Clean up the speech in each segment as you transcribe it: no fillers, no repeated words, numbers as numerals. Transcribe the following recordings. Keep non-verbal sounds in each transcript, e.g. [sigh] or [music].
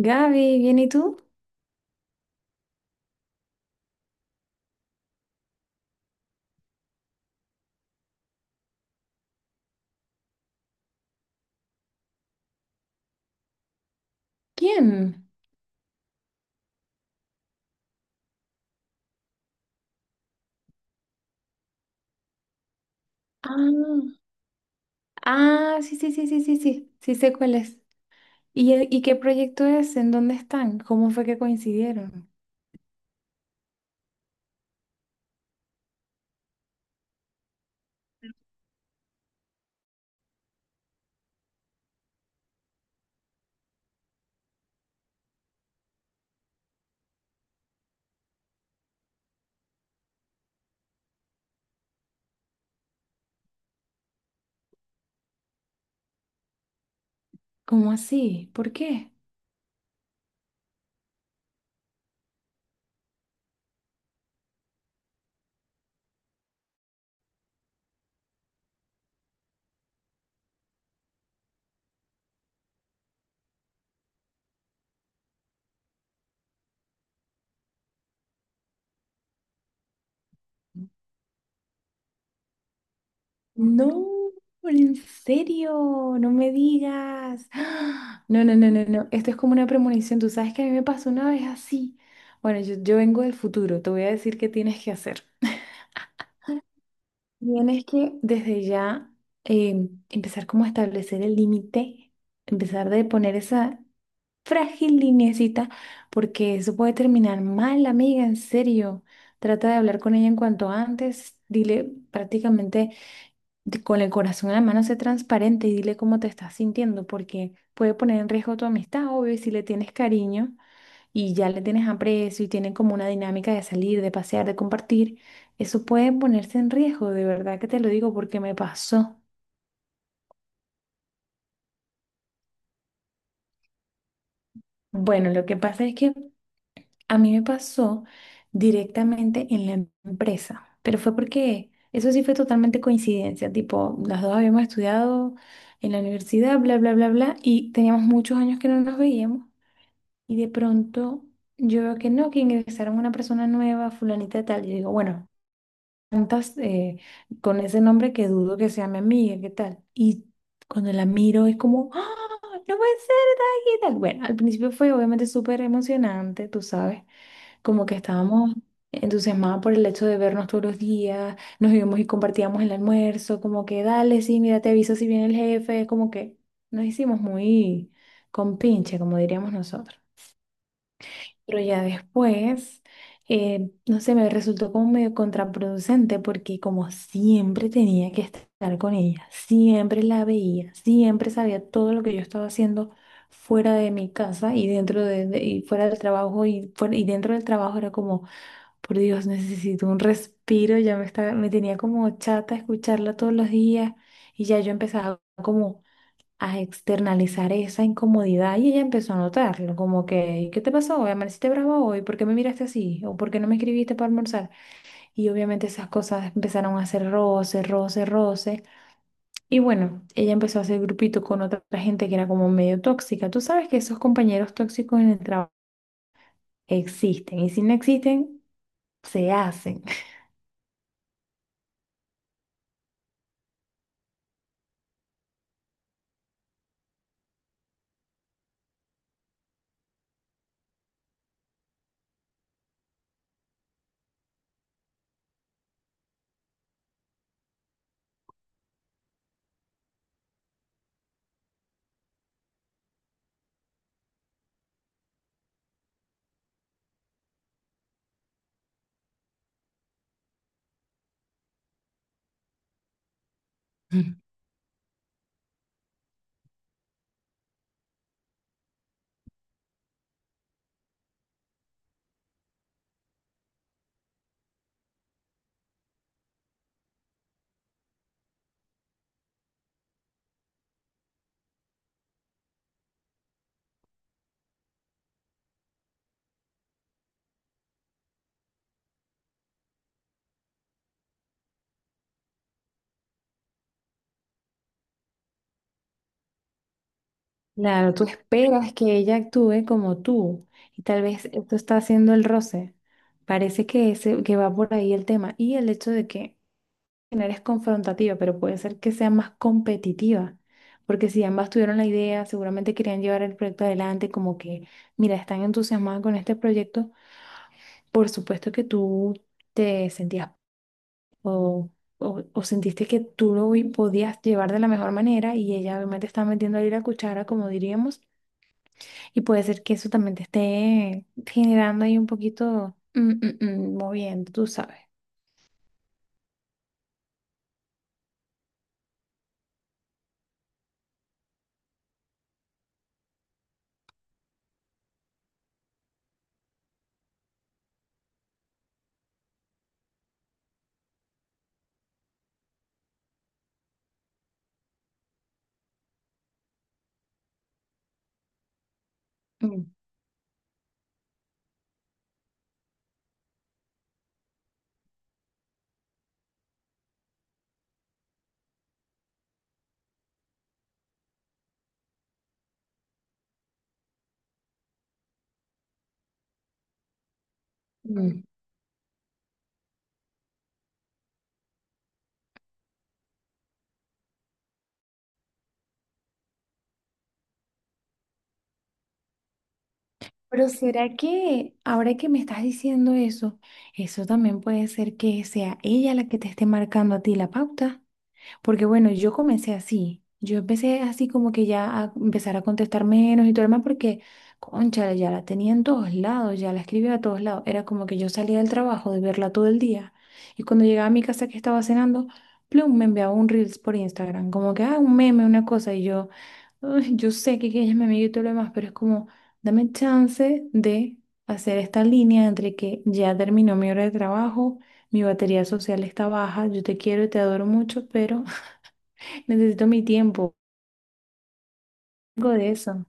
Gaby, ¿bien y tú? ¿Quién? Ah, sí, sí, sí, sí, sí, sí, sí sé cuál es. ¿Y, y qué proyecto es? ¿En dónde están? ¿Cómo fue que coincidieron? ¿Cómo así? ¿Por qué? No, en serio, no me digas. [gasps] ¡Ah! No, no, no, no, no. Esto es como una premonición. Tú sabes que a mí me pasó una vez así. Bueno, yo vengo del futuro. Te voy a decir qué tienes que hacer. Tienes que desde ya empezar como a establecer el límite, empezar de poner esa frágil lineecita, porque eso puede terminar mal, amiga, en serio. Trata de hablar con ella en cuanto antes, dile prácticamente con el corazón en la mano, sé transparente y dile cómo te estás sintiendo, porque puede poner en riesgo tu amistad, obvio, y si le tienes cariño y ya le tienes aprecio y tienen como una dinámica de salir, de pasear, de compartir, eso puede ponerse en riesgo, de verdad que te lo digo porque me pasó. Bueno, lo que pasa es que a mí me pasó directamente en la empresa, pero fue porque eso sí fue totalmente coincidencia, tipo, las dos habíamos estudiado en la universidad, bla, bla, bla, bla, y teníamos muchos años que no nos veíamos y de pronto... Yo veo que no, que ingresaron una persona nueva, fulanita de tal. Y digo, bueno, preguntas con ese nombre que dudo que sea mi amiga, ¿qué tal? Y cuando la miro es como, ¡ah! No puede ser, ¿qué tal? Bueno, al principio fue obviamente súper emocionante, tú sabes, como que estábamos entusiasmados por el hecho de vernos todos los días, nos íbamos y compartíamos el almuerzo, como que dale, sí, mira, te aviso si viene el jefe, como que nos hicimos muy compinche, como diríamos nosotros. Pero ya después, no sé, me resultó como medio contraproducente porque como siempre tenía que estar con ella, siempre la veía, siempre sabía todo lo que yo estaba haciendo fuera de mi casa y y fuera del trabajo y, y dentro del trabajo era como, por Dios, necesito un respiro, me tenía como chata escucharla todos los días y ya yo empezaba como a externalizar esa incomodidad y ella empezó a notarlo, como que, ¿qué te pasó hoy? ¿Amaneciste bravo hoy? ¿Por qué me miraste así? ¿O por qué no me escribiste para almorzar? Y obviamente esas cosas empezaron a hacer roce, roce, roce. Y bueno, ella empezó a hacer grupito con otra gente que era como medio tóxica. Tú sabes que esos compañeros tóxicos en el trabajo existen y si no existen, se hacen. [laughs] Claro, tú esperas que ella actúe como tú y tal vez esto está haciendo el roce. Parece que, ese, que va por ahí el tema y el hecho de que no eres confrontativa, pero puede ser que sea más competitiva, porque si ambas tuvieron la idea, seguramente querían llevar el proyecto adelante, como que, mira, están entusiasmadas con este proyecto, por supuesto que tú te sentías o, o sentiste que tú lo podías llevar de la mejor manera y ella obviamente está metiendo ahí la cuchara, como diríamos. Y puede ser que eso también te esté generando ahí un poquito moviendo, tú sabes. Mm. Mm. Pero ¿será que ahora que me estás diciendo eso, eso también puede ser que sea ella la que te esté marcando a ti la pauta? Porque bueno, yo comencé así. Yo empecé así como que ya a empezar a contestar menos y todo lo demás porque, concha, ya la tenía en todos lados, ya la escribía a todos lados. Era como que yo salía del trabajo de verla todo el día. Y cuando llegaba a mi casa que estaba cenando, plum, me enviaba un Reels por Instagram. Como que, ah, un meme, una cosa. Y yo, "Ay, yo sé que ella es mi amiga y todo lo demás, pero es como, dame chance de hacer esta línea entre que ya terminó mi hora de trabajo. Mi batería social está baja, yo te quiero y te adoro mucho, pero necesito mi tiempo, algo de eso.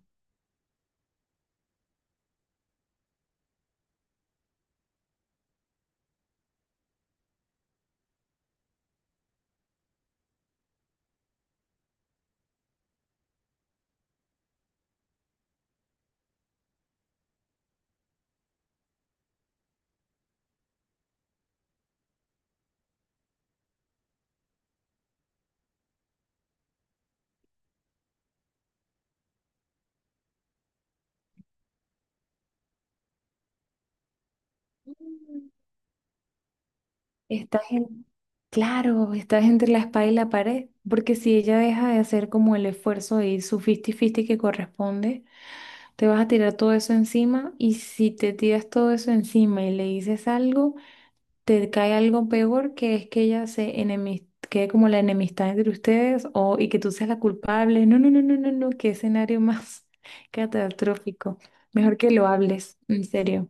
Mm. Estás en, claro, estás entre la espada y la pared, porque si ella deja de hacer como el esfuerzo y su 50-50 que corresponde, te vas a tirar todo eso encima y si te tiras todo eso encima y le dices algo, te cae algo peor que es que ella quede como la enemistad entre ustedes o y que tú seas la culpable. No, no, no, no, no, no, qué escenario más [laughs] catastrófico. Mejor que lo hables, en serio.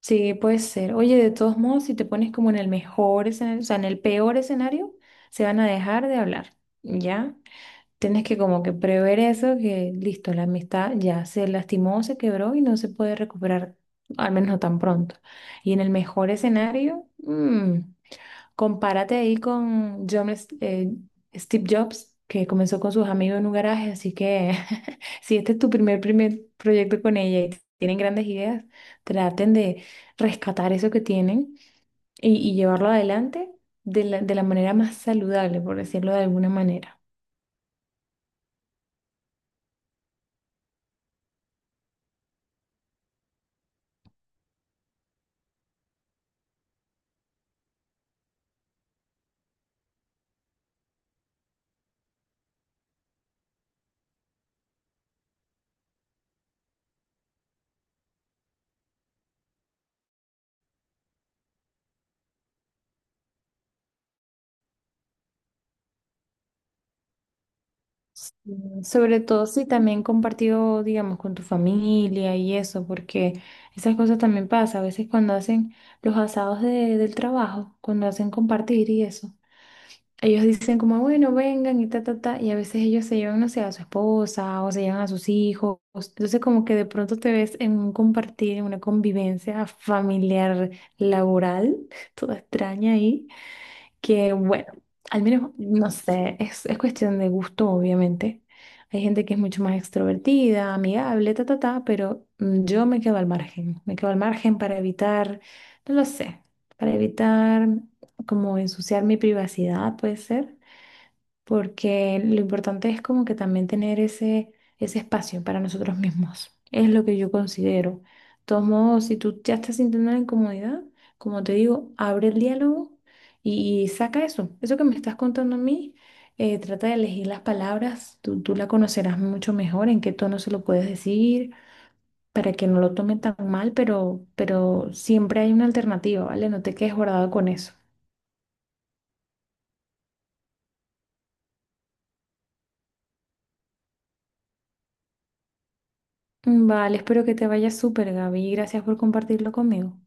Sí, puede ser. Oye, de todos modos, si te pones como en el mejor escenario, o sea, en el peor escenario, se van a dejar de hablar, ¿ya? Tienes que como que prever eso, que listo, la amistad ya se lastimó, se quebró y no se puede recuperar, al menos no tan pronto. Y en el mejor escenario, mm, compárate ahí con John, Steve Jobs, que comenzó con sus amigos en un garaje, así que [laughs] si este es tu primer proyecto con ella y tienen grandes ideas, traten de rescatar eso que tienen y llevarlo adelante de la manera más saludable, por decirlo de alguna manera. Mm, sobre todo si también compartido, digamos, con tu familia y eso, porque esas cosas también pasan. A veces cuando hacen los asados del trabajo, cuando hacen compartir y eso. Ellos dicen como, bueno, vengan y ta, ta, ta, y a veces ellos se llevan, no sé, a su esposa o se llevan a sus hijos. Entonces como que de pronto te ves en un compartir, en una convivencia familiar, laboral, [laughs] toda extraña ahí, que bueno, al menos, no sé, es cuestión de gusto, obviamente. Hay gente que es mucho más extrovertida, amigable, ta, ta, ta, pero mm, yo me quedo al margen, me quedo al margen para evitar, no lo sé, para evitar como ensuciar mi privacidad, puede ser porque lo importante es como que también tener ese, ese espacio para nosotros mismos. Es lo que yo considero. De todos modos, si tú ya estás sintiendo la incomodidad, como te digo, abre el diálogo y saca eso. Eso que me estás contando a mí, trata de elegir las palabras. Tú la conocerás mucho mejor, en qué tono se lo puedes decir, para que no lo tome tan mal, pero siempre hay una alternativa, ¿vale? No te quedes guardado con eso. Vale, espero que te vaya súper, Gaby. Y gracias por compartirlo conmigo.